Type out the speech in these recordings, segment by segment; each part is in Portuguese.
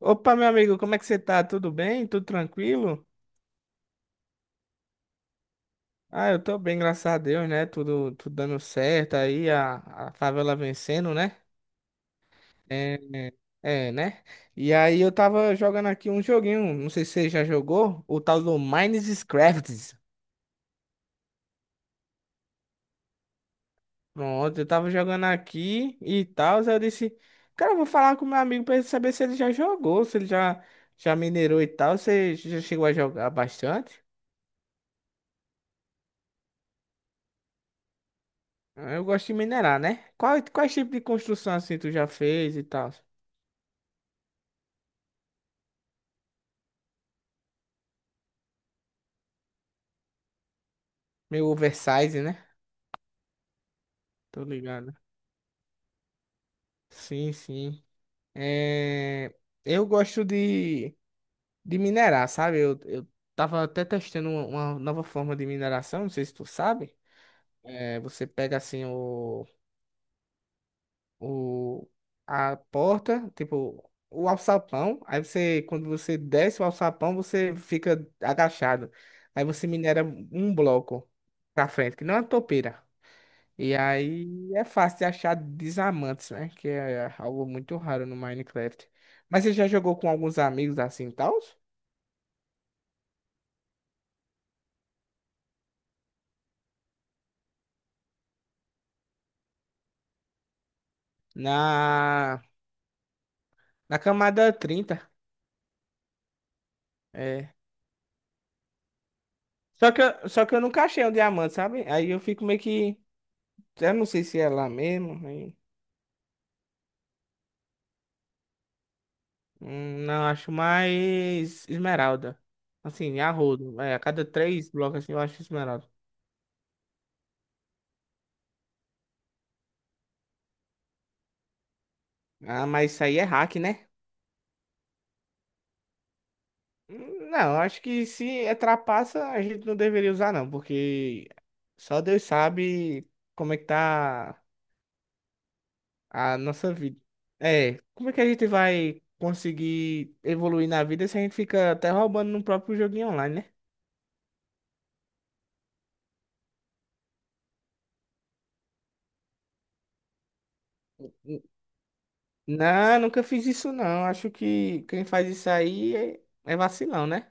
Opa, meu amigo, como é que você tá? Tudo bem? Tudo tranquilo? Ah, eu tô bem, graças a Deus, né? Tudo dando certo aí, a favela vencendo, né? É, é, né? E aí eu tava jogando aqui um joguinho, não sei se você já jogou, o tal do Minecraft. Pronto, eu tava jogando aqui e tal, aí eu disse, cara, eu vou falar com meu amigo pra ele saber se ele já jogou, se ele já, já minerou e tal. Você já chegou a jogar bastante? Eu gosto de minerar, né? Quais tipos de construção assim tu já fez e tal? Meio oversize, né? Tô ligado. Sim, sim. É... Eu gosto de minerar, sabe? Eu tava até testando uma nova forma de mineração, não sei se tu sabe. É, você pega assim o, a porta, tipo, o alçapão. Aí você, quando você desce o alçapão, você fica agachado. Aí você minera um bloco pra frente, que não é uma topeira. E aí é fácil de achar diamantes, né? Que é algo muito raro no Minecraft. Mas você já jogou com alguns amigos assim, tal? Na, na camada trinta. É. Só que, só que eu nunca achei um diamante, sabe? Aí eu fico meio que. Eu não sei se é lá mesmo. Não, acho mais esmeralda. Assim, arrodo. É, a cada três blocos assim, eu acho esmeralda. Ah, mas isso aí é hack, né? Não, acho que se é trapaça, a gente não deveria usar, não, porque só Deus sabe como é que tá a nossa vida. É, como é que a gente vai conseguir evoluir na vida se a gente fica até roubando no próprio joguinho online, né? N- Não, nunca fiz isso, não. Acho que quem faz isso aí é, é vacilão, né?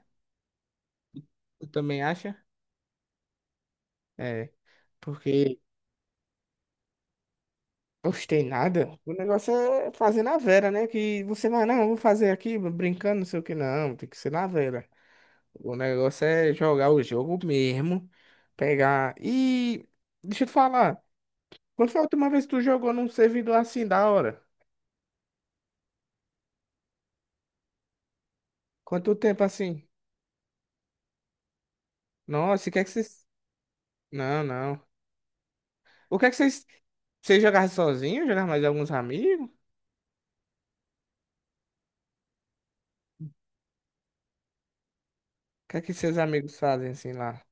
Tu também acha? É, porque gostei nada. O negócio é fazer na vera, né? Que você vai, não, eu vou fazer aqui brincando, não sei o que, não. Tem que ser na vera. O negócio é jogar o jogo mesmo. Pegar. E deixa eu te falar. Quando foi a última vez que tu jogou num servidor assim, da hora? Quanto tempo assim? Nossa, e o que é que vocês. Não, não. O que é que vocês. Vocês jogavam sozinho? Jogavam mais alguns amigos? O que é que seus amigos fazem assim lá?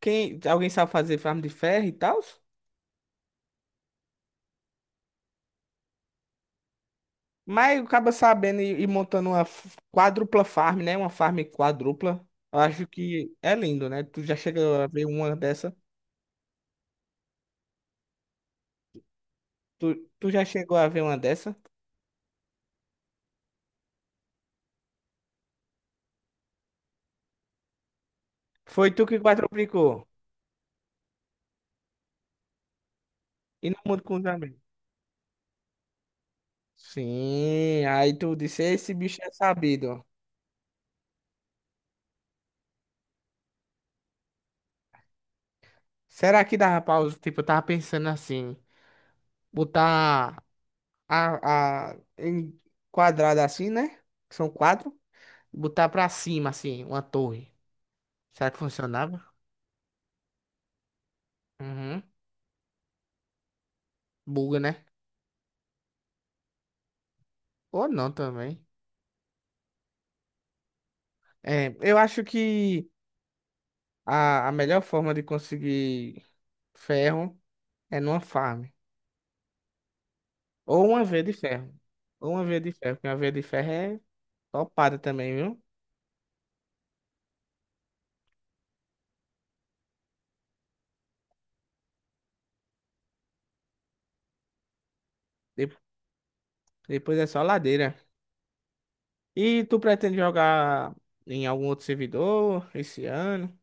Quem... Alguém sabe fazer farm de ferro e tal? Mas acaba sabendo e montando uma quádrupla farm, né? Uma farm quádrupla. Eu acho que é lindo, né? Tu já chegou a ver uma dessa? Tu já chegou a ver uma dessa? Foi tu que quadruplicou. E no mundo com os amigos. Sim, aí tu disse, esse bicho é sabido. Será que dá, pausa? Tipo, eu tava pensando assim, botar a em quadrada assim, né? Que são quatro. Botar pra cima, assim, uma torre. Será que funcionava? Uhum. Buga, né? Ou não também. É, eu acho que a melhor forma de conseguir ferro é numa farm. Ou uma veia de ferro. Ou uma veia de ferro, porque uma veia de ferro é topada também, viu? De- Depois é só ladeira. E tu pretende jogar em algum outro servidor esse ano?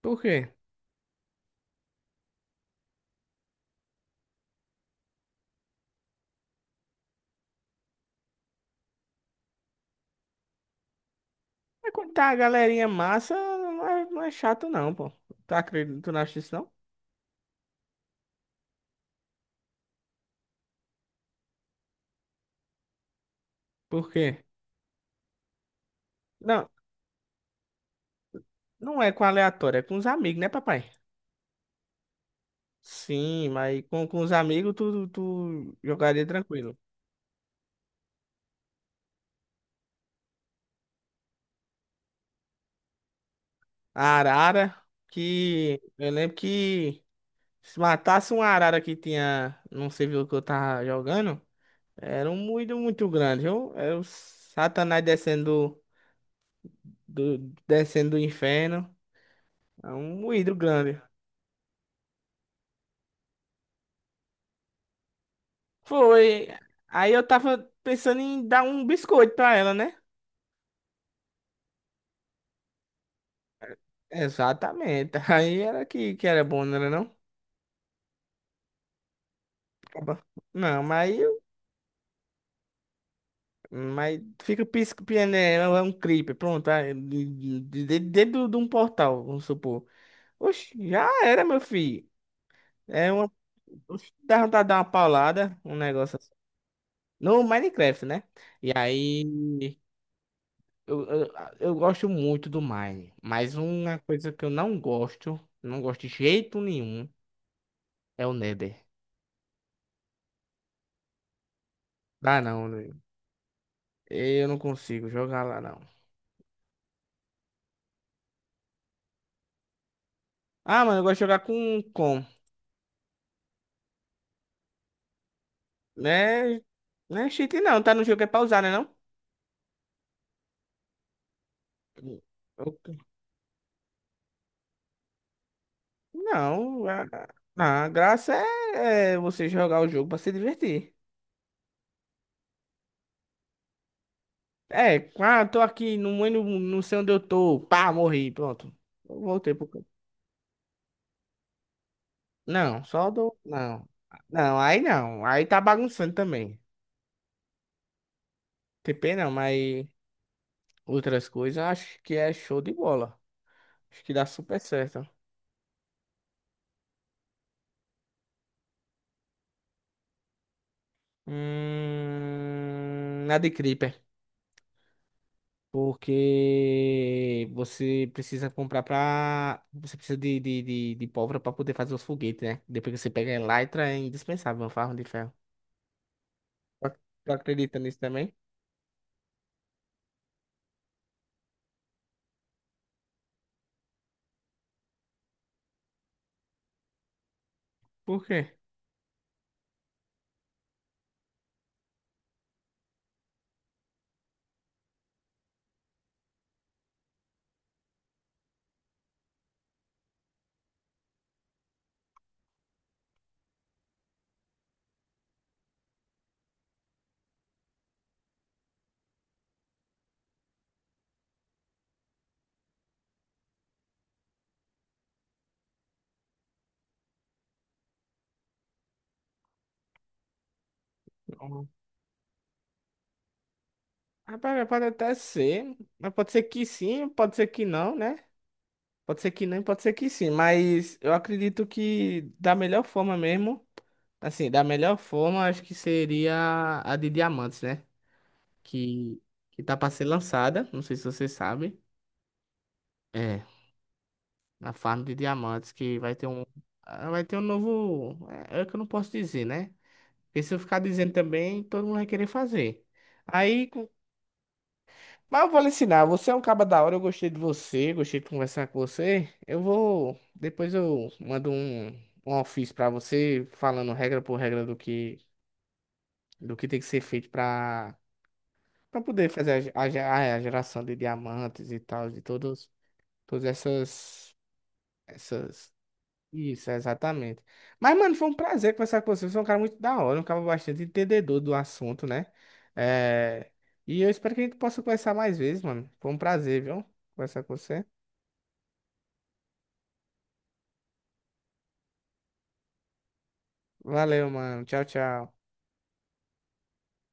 Por quê? É quando tá a galerinha massa, não é chato não, pô. Tu acredita, tu não acha isso não? Por quê? Não, não é com aleatório, é com os amigos, né, papai? Sim, mas com os amigos tu jogaria tranquilo. A arara, que eu lembro que se matasse uma arara que tinha num servidor que eu tava jogando, era um moído muito grande. Eu, era o Satanás descendo descendo do inferno. É um moído grande. Foi. Aí eu tava pensando em dar um biscoito pra ela, né? Exatamente. Aí era que era bom, não era não? Acaba- Não, mas fica piscando, é, é um creeper, pronto, ah, dentro de um portal, vamos supor. Oxe, já era, meu filho. É uma. Oxe, dá vontade de dar uma paulada, um negócio assim. No Minecraft, né? E aí. Eu, eu, eu gosto muito do Mine, mas uma coisa que eu não gosto, não gosto de jeito nenhum, é o Nether. Dá não, né? Eu não consigo jogar lá não. Ah, mano, eu gosto de jogar né? Não é cheat não, tá no jogo é pausar, né não? Eu- Não, a graça é, é você jogar o jogo pra se divertir. É, ah, tô aqui, não, eu não, não sei onde eu tô. Pá, morri, pronto. Eu voltei pro campo. Não, só dou. Não. Não, aí não. Aí tá bagunçando também. TP não, mas outras coisas eu acho que é show de bola. Acho que dá super certo. Na de Creeper. Porque você precisa comprar pra. Você precisa de pólvora pra poder fazer os foguetes, né? Depois que você pega a elytra, é indispensável uma farra de ferro. Tu ac- Tu acredita nisso também? Por quê? Não. Rapaz, pode até ser. Mas pode ser que sim, pode ser que não, né? Pode ser que não, e pode ser que sim. Mas eu acredito que da melhor forma mesmo. Assim, da melhor forma, acho que seria a de diamantes, né? Que, que tá pra ser lançada. Não sei se você sabe. É, na farm de diamantes, que vai ter um. Ah, vai ter um novo. É, é que eu não posso dizer, né? Porque se eu ficar dizendo também, todo mundo vai querer fazer. Aí. com- Mas eu vou lhe ensinar. Você é um caba da hora, eu gostei de você, gostei de conversar com você. Eu vou. Depois eu mando um ofício pra você, falando regra por regra do que tem que ser feito pra poder fazer a geração de diamantes e tal, todas essas. Essas isso, exatamente. Mas, mano, foi um prazer conversar com você. Você é um cara muito da hora, um cara bastante entendedor do assunto, né? É... E eu espero que a gente possa conversar mais vezes, mano. Foi um prazer, viu? Conversar com você. Valeu, mano. Tchau, tchau.